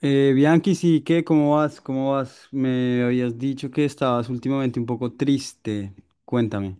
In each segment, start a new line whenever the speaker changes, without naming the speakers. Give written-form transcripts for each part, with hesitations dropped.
Bianchi, sí, ¿qué? ¿Cómo vas? ¿Cómo vas? Me habías dicho que estabas últimamente un poco triste. Cuéntame.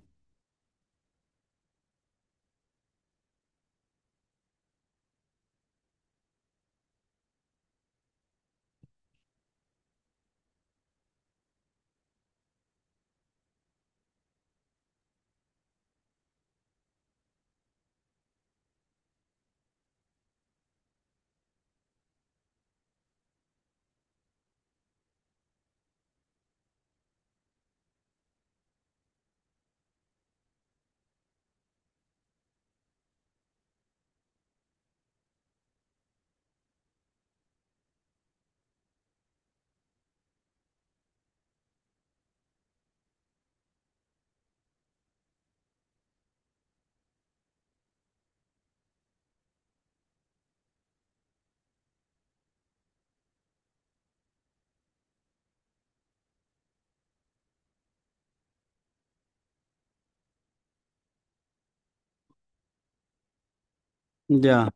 Ya,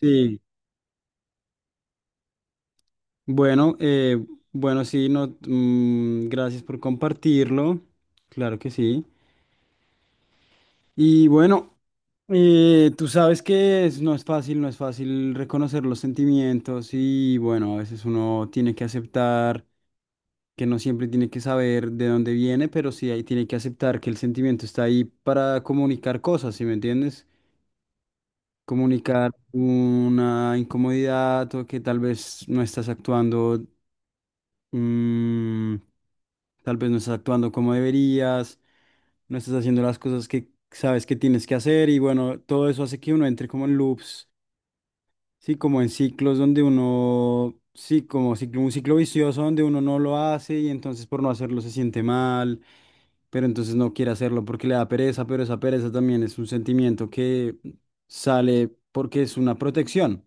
sí. Bueno, bueno, sí, no, gracias por compartirlo. Claro que sí. Y bueno, tú sabes que no es fácil, no es fácil reconocer los sentimientos y bueno, a veces uno tiene que aceptar que no siempre tiene que saber de dónde viene, pero sí ahí tiene que aceptar que el sentimiento está ahí para comunicar cosas, ¿sí me entiendes? Comunicar una incomodidad o que tal vez no estás actuando, mm, tal vez no estás actuando como deberías, no estás haciendo las cosas que sabes que tienes que hacer y bueno, todo eso hace que uno entre como en loops. Sí, como en ciclos donde uno, sí, como un ciclo vicioso donde uno no lo hace y entonces por no hacerlo se siente mal, pero entonces no quiere hacerlo porque le da pereza, pero esa pereza también es un sentimiento que sale porque es una protección.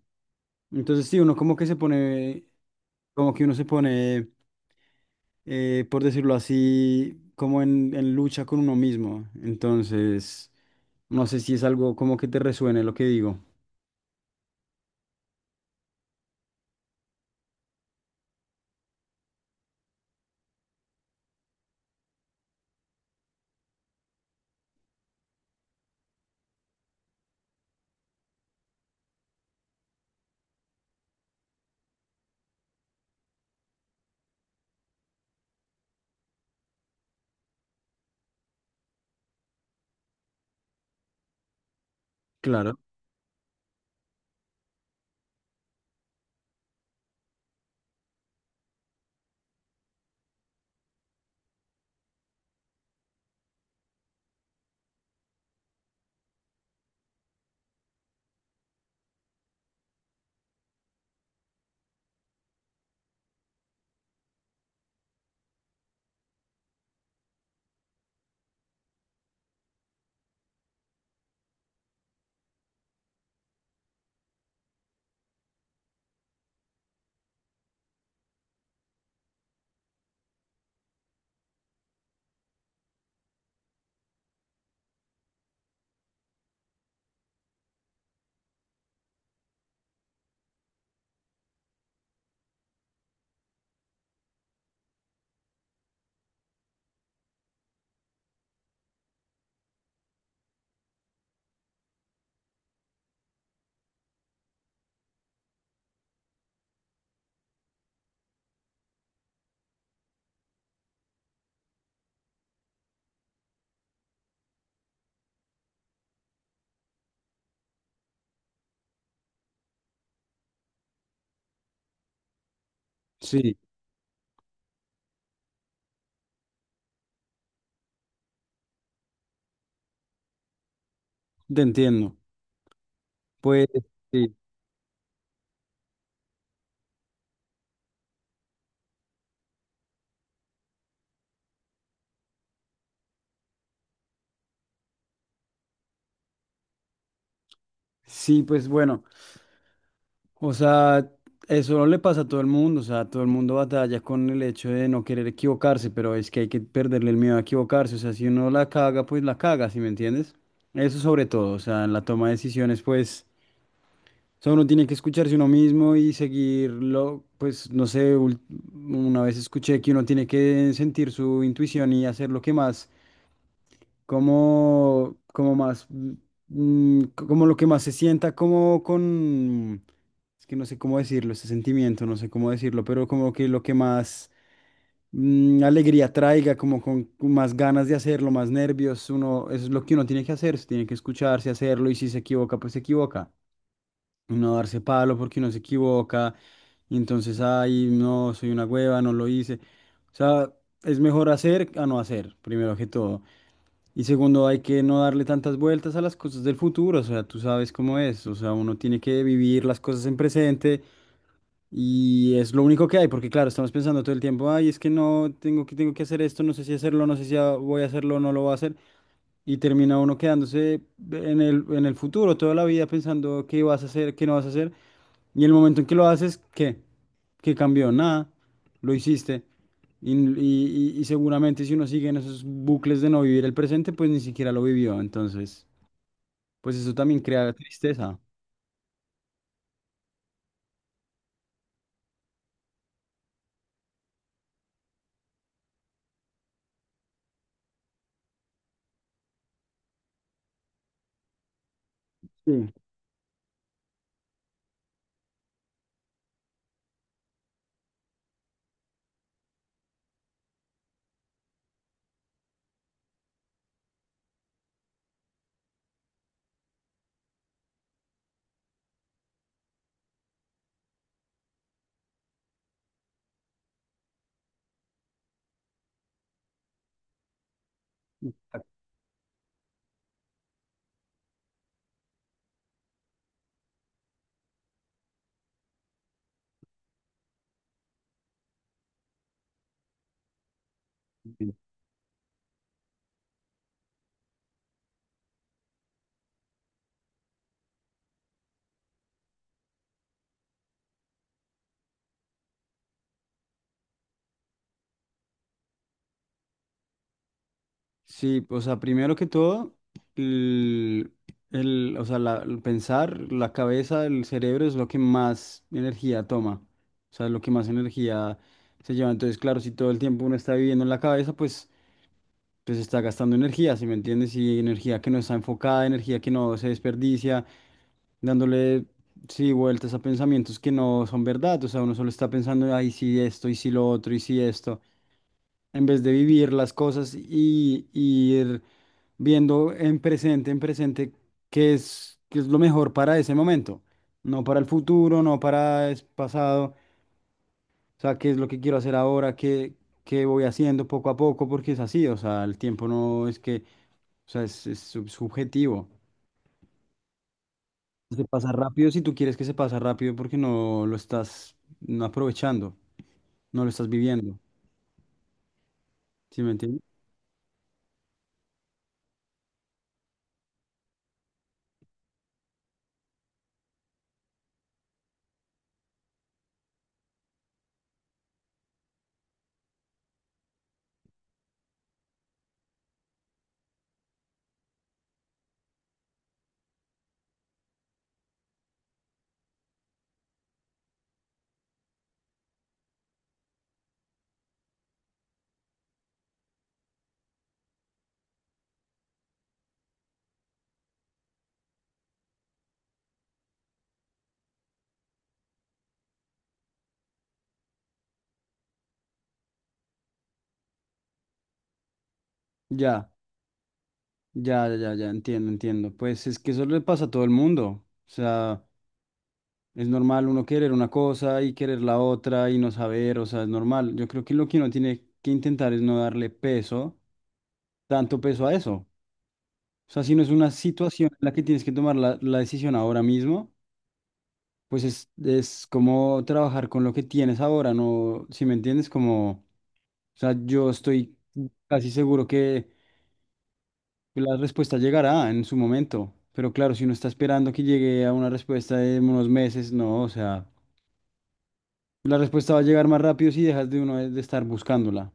Entonces sí, uno como que se pone, como que uno se pone, por decirlo así, como en lucha con uno mismo. Entonces, no sé si es algo como que te resuene lo que digo. Claro, sí, te entiendo. Pues sí, sí, pues bueno, o sea, eso no le pasa a todo el mundo, o sea, todo el mundo batalla con el hecho de no querer equivocarse, pero es que hay que perderle el miedo a equivocarse, o sea, si uno la caga, pues la caga, ¿sí me entiendes? Eso sobre todo, o sea, en la toma de decisiones, pues, o sea, uno tiene que escucharse uno mismo y seguirlo, pues, no sé, una vez escuché que uno tiene que sentir su intuición y hacer lo que más como, como más, mm, como lo que más se sienta, como con, es que no sé cómo decirlo, ese sentimiento, no sé cómo decirlo, pero como que lo que más mm, alegría traiga, como con más ganas de hacerlo, más nervios, uno, eso es lo que uno tiene que hacer, se tiene que escucharse, hacerlo, y si se equivoca, pues se equivoca, no darse palo porque uno se equivoca, y entonces, ay, no, soy una hueva, no lo hice. O sea, es mejor hacer a no hacer, primero que todo. Y segundo, hay que no darle tantas vueltas a las cosas del futuro, o sea, tú sabes cómo es, o sea, uno tiene que vivir las cosas en presente y es lo único que hay, porque claro, estamos pensando todo el tiempo, ay, es que no, tengo que hacer esto, no sé si hacerlo, no sé si voy a hacerlo, no lo voy a hacer. Y termina uno quedándose en en el futuro, toda la vida pensando qué vas a hacer, qué no vas a hacer. Y el momento en que lo haces, ¿qué? ¿Qué cambió? Nada, lo hiciste. Y, y seguramente si uno sigue en esos bucles de no vivir el presente, pues ni siquiera lo vivió. Entonces, pues eso también crea tristeza. Sí. Sí, o sea, primero que todo, el, o sea, el pensar, la cabeza, el cerebro es lo que más energía toma, o sea, es lo que más energía se lleva. Entonces, claro, si todo el tiempo uno está viviendo en la cabeza, pues, pues está gastando energía, ¿sí me entiendes? Y energía que no está enfocada, energía que no se desperdicia, dándole, sí, vueltas a pensamientos que no son verdad, o sea, uno solo está pensando, ay, sí, esto, y sí, lo otro, y sí, esto en vez de vivir las cosas y ir viendo en presente, qué es lo mejor para ese momento, no para el futuro, no para el pasado, o sea, qué es lo que quiero hacer ahora, qué, qué voy haciendo poco a poco, porque es así, o sea, el tiempo no es que, o sea, es subjetivo. Se pasa rápido si tú quieres que se pasa rápido porque no lo estás no aprovechando, no lo estás viviendo, ¿sí me entiendes? Ya. Ya, ya, ya, ya, entiendo, entiendo. Pues es que eso le pasa a todo el mundo. O sea, es normal uno querer una cosa y querer la otra y no saber, o sea, es normal. Yo creo que lo que uno tiene que intentar es no darle peso, tanto peso a eso. O sea, si no es una situación en la que tienes que tomar la decisión ahora mismo, pues es como trabajar con lo que tienes ahora, ¿no? Si me entiendes, como... O sea, yo estoy casi seguro que la respuesta llegará en su momento, pero claro, si uno está esperando que llegue a una respuesta de unos meses, no, o sea, la respuesta va a llegar más rápido si dejas de uno de estar buscándola.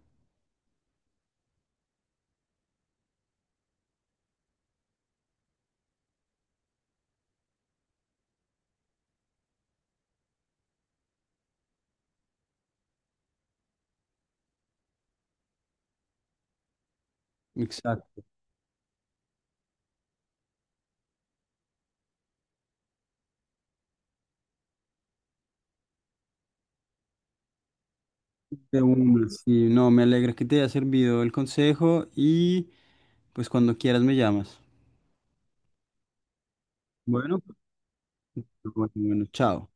Exacto. De una, sí, no, me alegra que te haya servido el consejo y pues cuando quieras me llamas. Bueno, pues, bueno, bueno, chao.